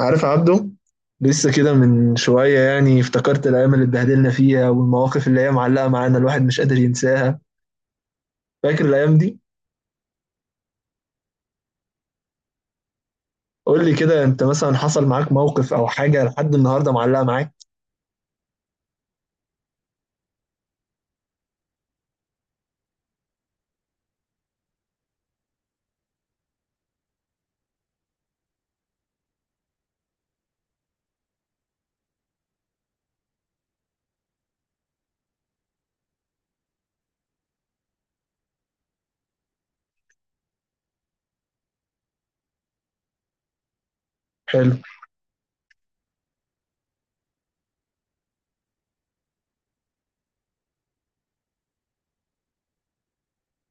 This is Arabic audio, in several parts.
عارف عبده، لسه كده من شوية افتكرت الأيام اللي اتبهدلنا فيها والمواقف اللي هي معلقة معانا. الواحد مش قادر ينساها. فاكر الأيام دي؟ قول لي كده، أنت مثلا حصل معاك موقف أو حاجة لحد النهاردة معلقة معاك؟ حلو.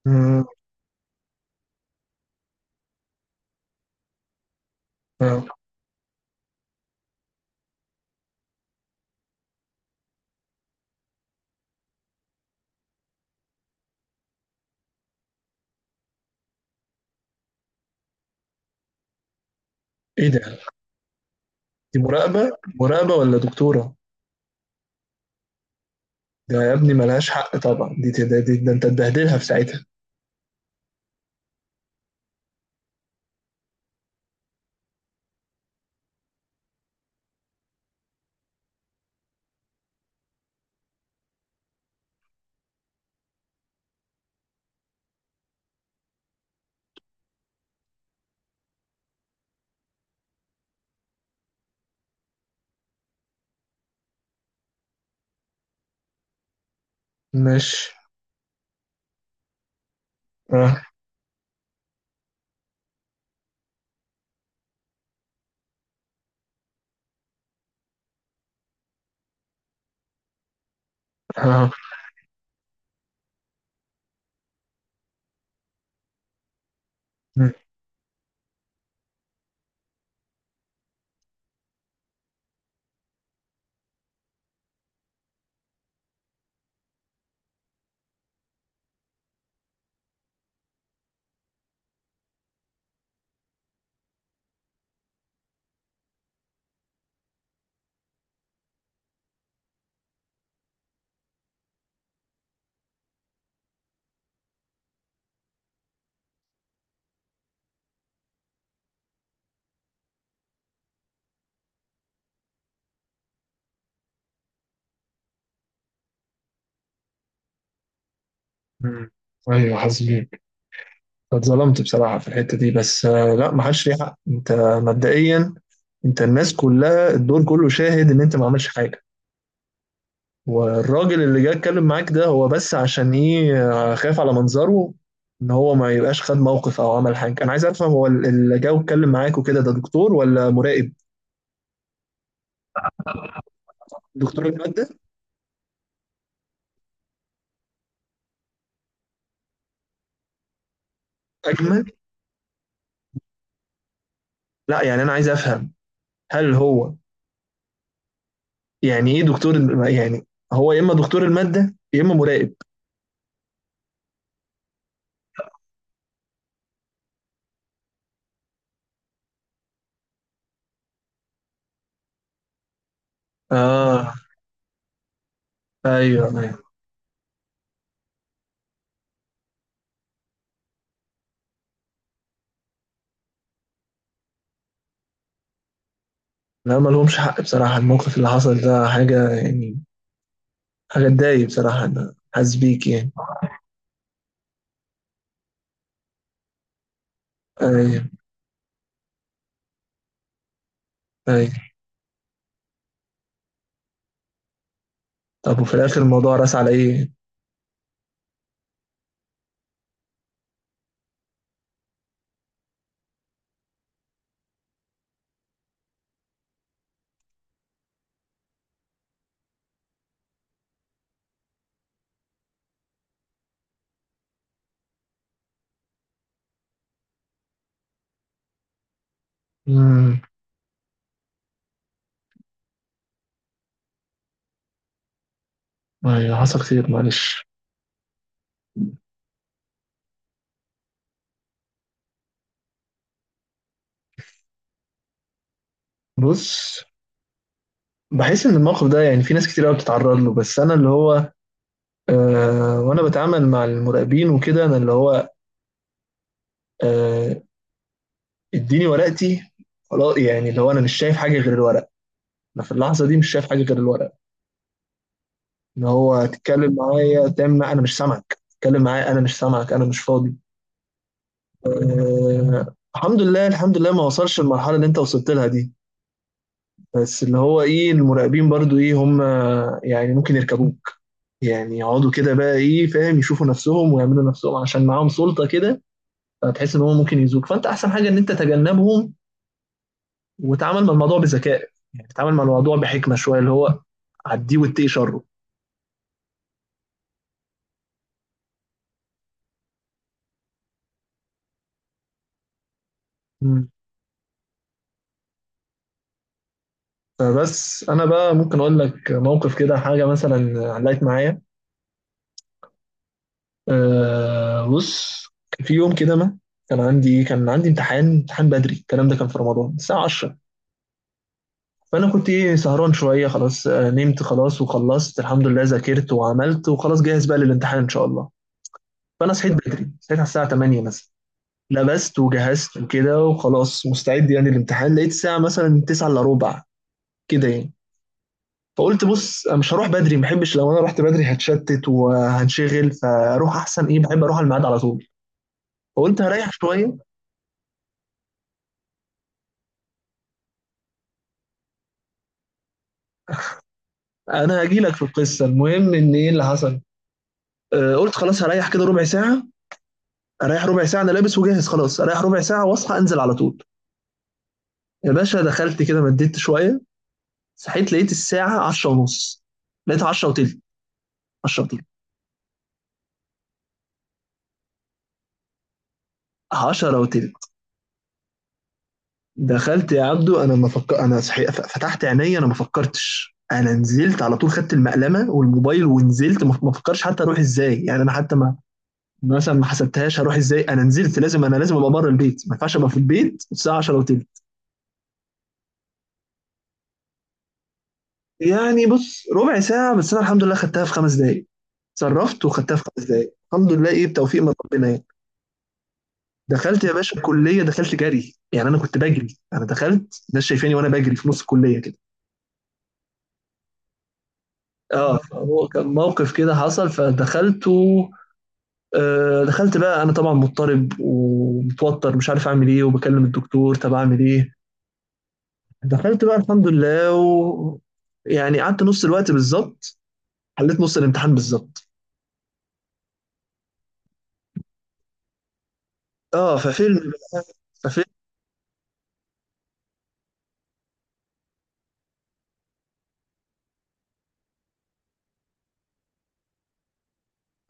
مم. آه. إيه ده؟ دي مراقبة؟ مراقبة ولا دكتورة؟ ده يا ابني ملهاش حق طبعا، دي ده, أنت تبهدلها في ساعتها. ماشي. آه. آه. مم. مم. أيوه، حاسبين. اتظلمت بصراحة في الحتة دي، بس لا، ما حدش ليه حق. انت مبدئيا، انت الناس كلها الدور كله شاهد ان انت ما عملش حاجة. والراجل اللي جه اتكلم معاك ده، هو بس عشان ايه؟ خايف على منظره، ان هو ما يبقاش خد موقف او عمل حاجة. انا عايز افهم، هو اللي جه واتكلم معاك وكده ده دكتور ولا مراقب؟ دكتور المادة؟ اجمل؟ لا انا عايز افهم، هل هو ايه؟ يعني هو يا اما دكتور المادة يا اما مراقب. اه. ايوه. لا ما لهمش حق بصراحة. الموقف اللي حصل ده حاجة حاجة تضايق بصراحة. أنا حاسس بيك. أيوة. أيوة. طب وفي الآخر الموضوع رأس على إيه؟ امم. أيوة، حصل خير، معلش. بص، بحس إن الموقف ده في ناس كتير قوي بتتعرض له. بس أنا اللي هو، وأنا بتعامل مع المراقبين وكده، أنا اللي هو آه، اديني ورقتي، خلاص. يعني اللي هو أنا مش شايف حاجة غير الورق. أنا في اللحظة دي مش شايف حاجة غير الورق. إن هو تتكلم معايا، تعمل معايا، أنا مش سامعك، تتكلم معايا أنا مش سامعك، أنا مش فاضي. الحمد لله، الحمد لله ما وصلش المرحلة اللي انت وصلت لها دي. بس اللي هو ايه، المراقبين برضو ايه، هم ممكن يركبوك، يقعدوا كده بقى ايه، فاهم، يشوفوا نفسهم ويعملوا نفسهم عشان معاهم سلطة كده. فتحس ان هم ممكن يزوك، فانت احسن حاجة ان انت تتجنبهم وتعامل مع الموضوع بذكاء، يعني تتعامل مع الموضوع بحكمة شوية، اللي هو عديه واتقي شره. مم. فبس انا بقى ممكن اقول لك موقف كده حاجة مثلا علقت معايا. أه، بص، في يوم كده ما كان عندي امتحان، بدري. الكلام ده كان في رمضان الساعة 10. فأنا كنت إيه، سهران شوية خلاص، نمت خلاص وخلصت الحمد لله، ذاكرت وعملت وخلاص جاهز بقى للامتحان إن شاء الله. فأنا صحيت بدري، صحيت على الساعة 8 مثلا، لبست وجهزت وكده وخلاص مستعد يعني للامتحان. لقيت الساعة مثلا 9 إلا ربع كده يعني. فقلت بص أنا مش هروح بدري، ما بحبش لو أنا رحت بدري هتشتت وهنشغل، فأروح أحسن. إيه، بحب أروح على الميعاد على طول. فقلت هريح شوية. انا هاجي لك في القصه، المهم ان ايه اللي حصل. قلت خلاص هريح كده ربع ساعه، اريح ربع ساعه، انا لابس وجاهز خلاص، اريح ربع ساعه واصحى انزل على طول. يا باشا، دخلت كده مديت شويه، صحيت لقيت الساعه 10 ونص، لقيت 10 وتلت. 10 وتلت. 10 وتلت. دخلت يا عبدو، انا ما فكر انا صحيح فتحت عيني، انا ما فكرتش، انا نزلت على طول، خدت المقلمه والموبايل ونزلت. ما فكرش حتى اروح ازاي، يعني انا حتى ما مثلا ما حسبتهاش هروح ازاي. انا نزلت، لازم، انا لازم ابقى بره البيت، ما ينفعش ابقى في البيت الساعه 10 وتلت. يعني بص، ربع ساعة بس أنا الحمد لله خدتها في 5 دقايق، صرفت وخدتها في 5 دقايق الحمد لله. إيه، بتوفيق من ربنا يعني. دخلت يا باشا الكلية، دخلت جري يعني، أنا كنت بجري. أنا دخلت الناس شايفاني وأنا بجري في نص الكلية كده. اه، فهو كان موقف كده حصل، فدخلت و... دخلت بقى، أنا طبعا مضطرب ومتوتر مش عارف أعمل إيه، وبكلم الدكتور طب أعمل إيه. دخلت بقى الحمد لله و... يعني قعدت نص الوقت بالظبط، حليت نص الامتحان بالظبط. اه، ففيلم بقى.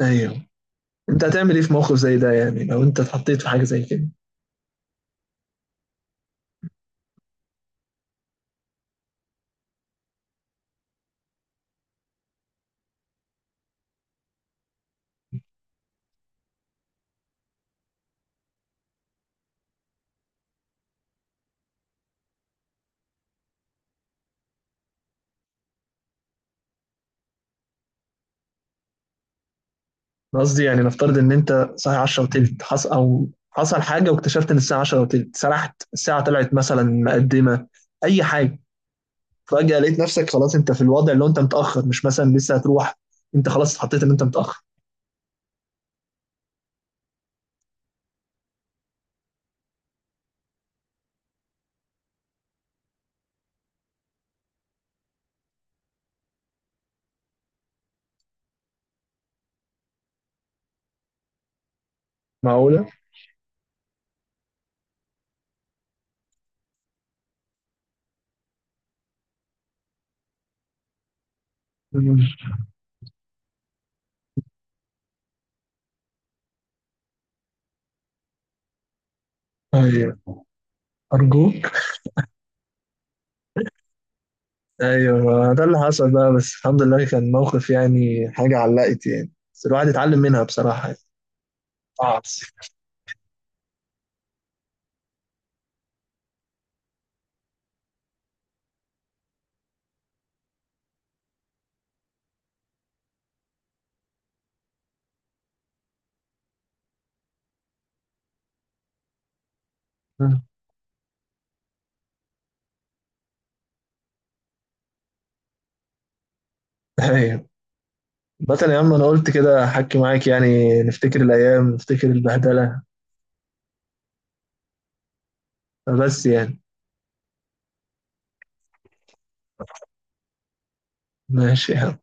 ايوه، انت هتعمل ايه في موقف زي ده، يعني لو انت اتحطيت في حاجه زي كده؟ أنا قصدي نفترض ان انت صاحي 10 وتلت، حصل او حصل حاجه واكتشفت ان الساعه 10 وتلت، سرحت الساعه، طلعت مثلا مقدمه، اي حاجه. فجاه لقيت نفسك خلاص انت في الوضع اللي هو انت متاخر، مش مثلا لسه هتروح، انت خلاص اتحطيت ان انت متاخر. معقوله. مم. ايوه. ارجوك. ايوه، ده اللي حصل بقى. بس الحمد لله كان موقف، يعني حاجه علقت يعني، بس الواحد اتعلم منها بصراحه يعني. صعب. مم. ايوه. مثلا يا عم انا قلت كده احكي معاك يعني، نفتكر الايام، نفتكر البهدله. بس يعني ماشي يا عم.